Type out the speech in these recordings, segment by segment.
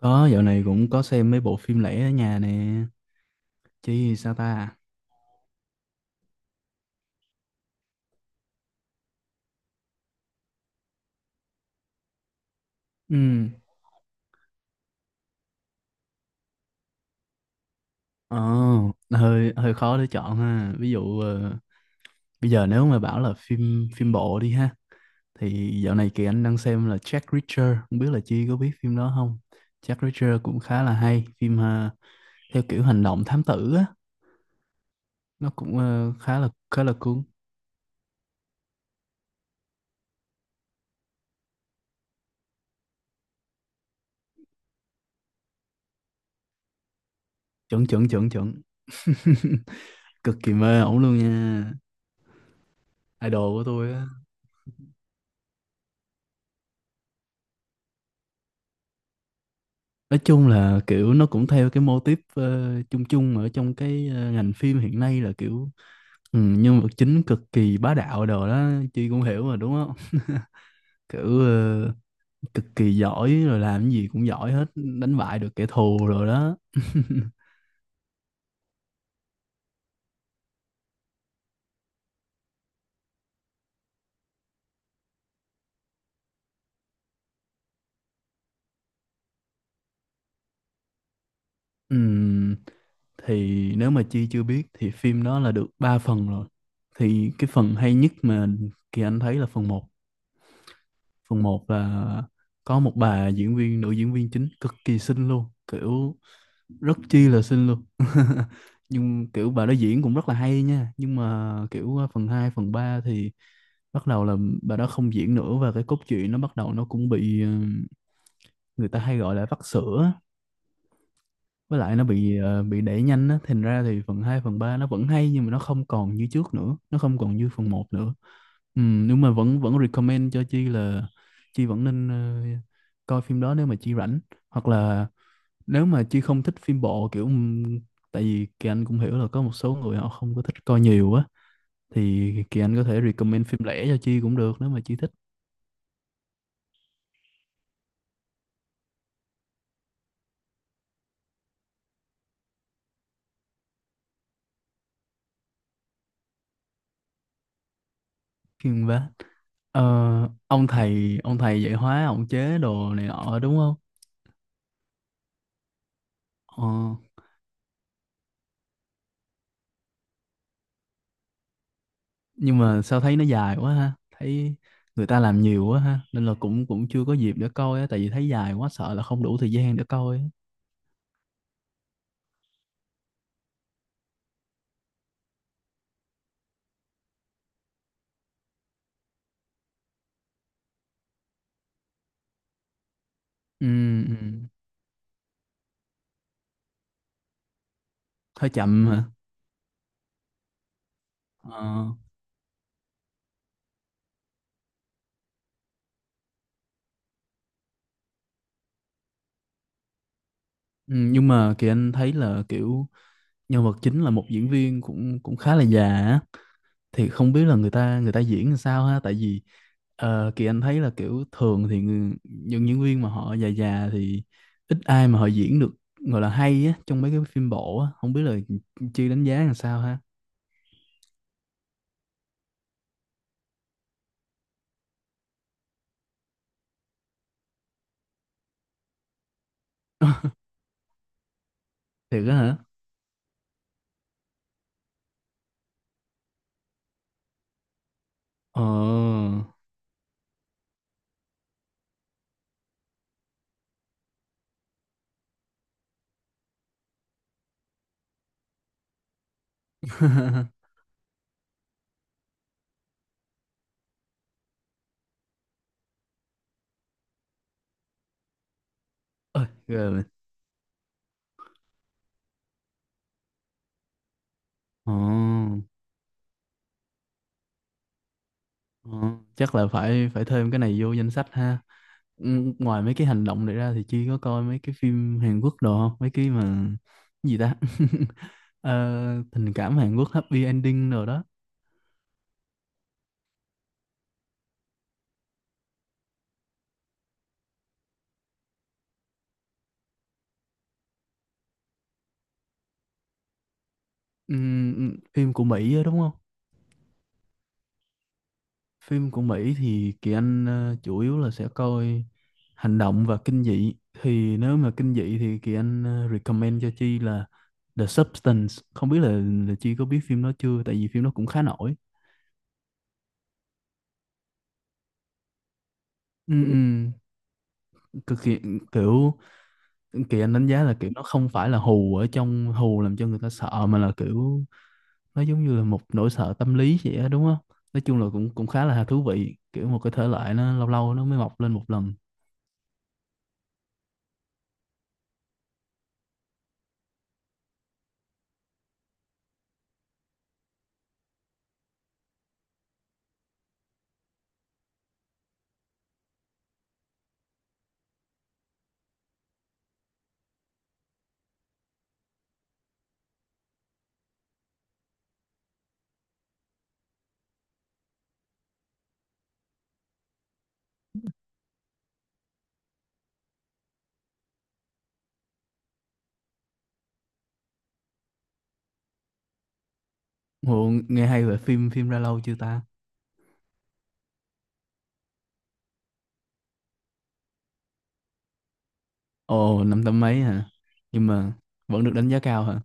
Có, dạo này cũng có xem mấy bộ phim lẻ ở nhà nè. Chứ sao ta? Ừ. Ồ, hơi hơi khó để chọn ha. Ví dụ bây giờ nếu mà bảo là phim phim bộ đi ha thì dạo này Kỳ Anh đang xem là Jack Reacher, không biết là Chi có biết phim đó không? Jack Reacher cũng khá là hay, phim theo kiểu hành động thám tử á, nó cũng khá là cuốn. Chuẩn chuẩn chuẩn chuẩn. Cực kỳ mê ổng luôn nha. Idol của tôi. Nói chung là kiểu nó cũng theo cái mô típ chung chung ở trong cái ngành phim hiện nay là kiểu nhân vật chính cực kỳ bá đạo đồ đó. Chi cũng hiểu mà đúng không? Kiểu cực kỳ giỏi rồi làm cái gì cũng giỏi hết, đánh bại được kẻ thù rồi đó. Ừm, thì nếu mà Chi chưa biết thì phim đó là được 3 phần rồi, thì cái phần hay nhất mà Kỳ Anh thấy là phần một là có một bà diễn viên, nữ diễn viên chính cực kỳ xinh luôn, kiểu rất chi là xinh luôn. Nhưng kiểu bà đó diễn cũng rất là hay nha, nhưng mà kiểu phần 2 phần 3 thì bắt đầu là bà đó không diễn nữa, và cái cốt truyện nó bắt đầu nó cũng bị người ta hay gọi là vắt sữa á. Với lại nó bị đẩy nhanh á, thành ra thì phần 2 phần 3 nó vẫn hay nhưng mà nó không còn như trước nữa, nó không còn như phần một nữa. Ừ, nhưng mà vẫn vẫn recommend cho Chi là Chi vẫn nên coi phim đó nếu mà Chi rảnh, hoặc là nếu mà Chi không thích phim bộ kiểu tại vì Kỳ Anh cũng hiểu là có một số người họ không có thích coi nhiều á, thì Kỳ Anh có thể recommend phim lẻ cho Chi cũng được nếu mà Chi thích phim vá. Ờ, ông thầy dạy hóa, ông chế đồ này nọ đúng không? ờ, nhưng mà sao thấy nó dài quá ha, thấy người ta làm nhiều quá ha, nên là cũng cũng chưa có dịp để coi á, tại vì thấy dài quá sợ là không đủ thời gian để coi á. Ừ, ừ. Hơi chậm hả? ờ, ừ, nhưng mà Kỳ Anh thấy là kiểu nhân vật chính là một diễn viên cũng cũng khá là già á, thì không biết là người ta diễn làm sao ha, tại vì Kỳ Anh thấy là kiểu thường thì những diễn viên mà họ già già thì ít ai mà họ diễn được gọi là hay á trong mấy cái phim bộ á, không biết là Chi đánh giá làm sao ha. Thiệt á hả? Ờ. Ơi ghê vậy. Ờ. Ờ, chắc là phải phải thêm cái này vô danh sách ha. Ừ, ngoài mấy cái hành động này ra thì Chi có coi mấy cái phim Hàn Quốc đồ không? Mấy cái mà cái gì ta? Ờ, tình cảm Hàn Quốc happy ending rồi đó. Phim của Mỹ á, đúng không? Phim của Mỹ thì Kỳ Anh chủ yếu là sẽ coi hành động và kinh dị. Thì nếu mà kinh dị thì Kỳ Anh recommend cho Chi là The Substance. Không biết là Chi có biết phim đó chưa? Tại vì phim đó cũng khá nổi. Ừ, ừ, cực kỳ, kiểu Kỳ Anh đánh giá là kiểu nó không phải là hù ở trong hù làm cho người ta sợ, mà là kiểu nó giống như là một nỗi sợ tâm lý vậy á, đúng không? Nói chung là cũng cũng khá là thú vị, kiểu một cái thể loại nó lâu lâu nó mới mọc lên một lần. Ồ, nghe hay. Về phim phim ra lâu chưa ta? Ồ, năm tám mấy hả? Nhưng mà vẫn được đánh giá cao hả?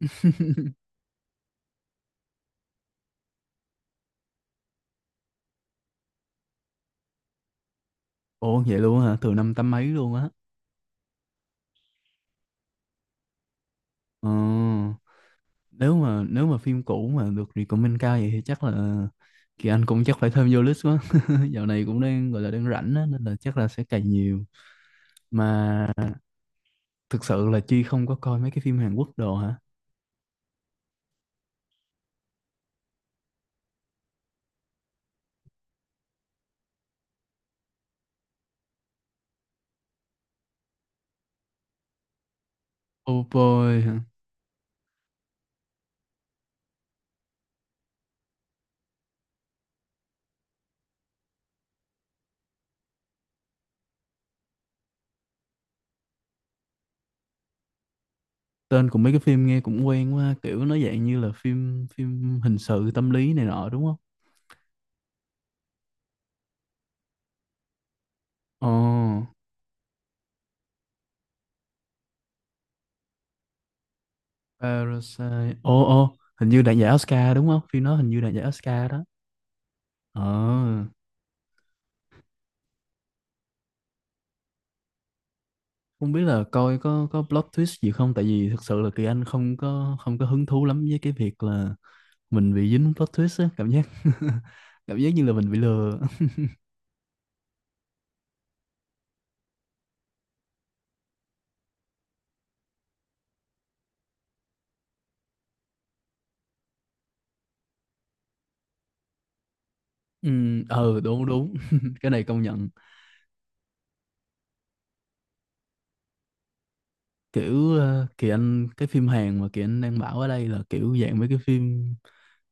Ồ, vậy luôn hả? Từ năm tám mấy luôn á. Ồ. Nếu mà phim cũ mà được recommend cao vậy thì chắc là Kỳ Anh cũng chắc phải thêm vô list quá. Dạo này cũng đang gọi là đang rảnh á, nên là chắc là sẽ cày nhiều mà. Thực sự là Chi không có coi mấy cái phim Hàn Quốc đồ hả? Oh boy hả? Tên của mấy cái phim nghe cũng quen quá, kiểu nó dạng như là phim phim hình sự tâm lý này nọ đúng không? Ồ. Parasite. Ồ, ồ, hình như đạt giải Oscar đúng không, phim nó hình như đạt giải Oscar đó. Ờ. Không biết là coi có plot twist gì không, tại vì thực sự là Kỳ Anh không có hứng thú lắm với cái việc là mình bị dính plot twist á, cảm giác cảm giác như là mình bị lừa. Ừ, ờ, đúng đúng. Cái này công nhận. Kiểu Kỳ Anh, cái phim Hàn mà Kỳ Anh đang bảo ở đây là kiểu dạng mấy cái phim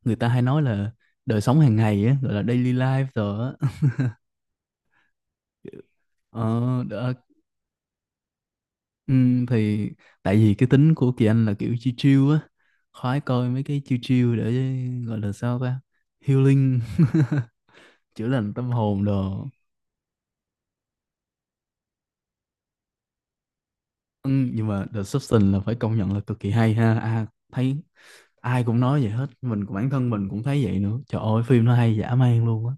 người ta hay nói là đời sống hàng ngày á, gọi là daily life rồi á. Ờ đó, ừ, thì tại vì cái tính của Kỳ Anh là kiểu chill chill, khoái coi mấy cái chill chill để gọi là sao ta, healing, chữa lành tâm hồn đồ. Ừ, nhưng mà The Substance là phải công nhận là cực kỳ hay ha. À, thấy ai cũng nói vậy hết, mình cũng, bản thân mình cũng thấy vậy nữa, trời ơi phim nó hay dã man luôn á.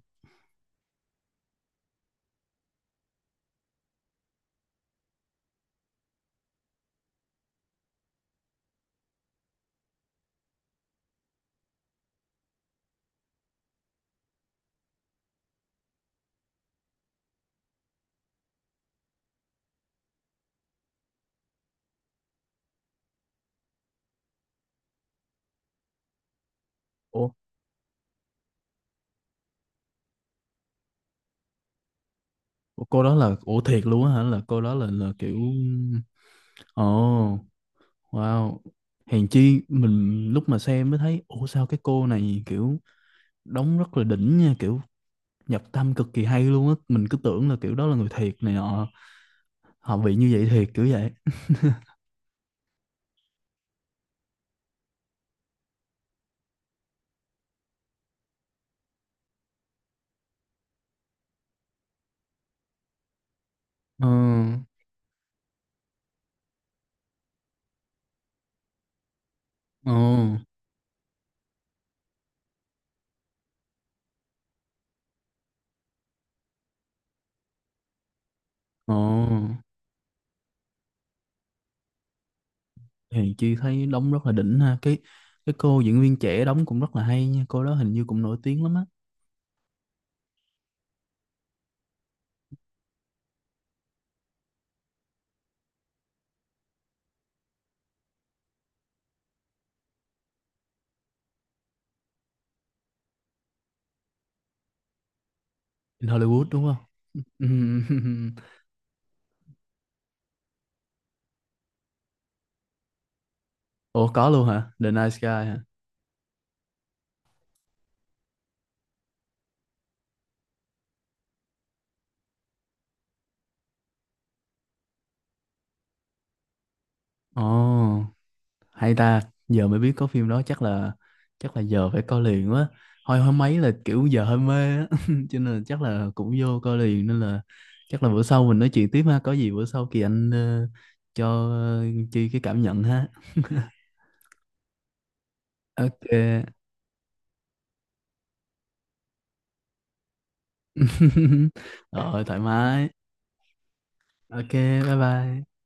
Ủa, ủa, cô đó là, ủa thiệt luôn á hả, là cô đó là kiểu ồ, oh, wow, hèn chi mình lúc mà xem mới thấy ủa sao cái cô này kiểu đóng rất là đỉnh nha, kiểu nhập tâm cực kỳ hay luôn á, mình cứ tưởng là kiểu đó là người thiệt này nọ, họ bị như vậy thiệt kiểu vậy. Ờ ờ ờ, thì chị thấy đóng rất là đỉnh ha, cái cô diễn viên trẻ đóng cũng rất là hay nha, cô đó hình như cũng nổi tiếng lắm á. In Hollywood đúng không? Ừm. Ủa có luôn hả, The Nice Guy hả? Ồ hay ta, giờ mới biết có phim đó, chắc là giờ phải coi liền quá. Hồi hôm mấy là kiểu giờ hơi mê á, cho nên là chắc là cũng vô coi liền, nên là chắc là bữa sau mình nói chuyện tiếp ha. Có gì bữa sau Kỳ Anh cho Chi cái cảm nhận ha. OK. Rồi, thoải mái. OK. Bye bye.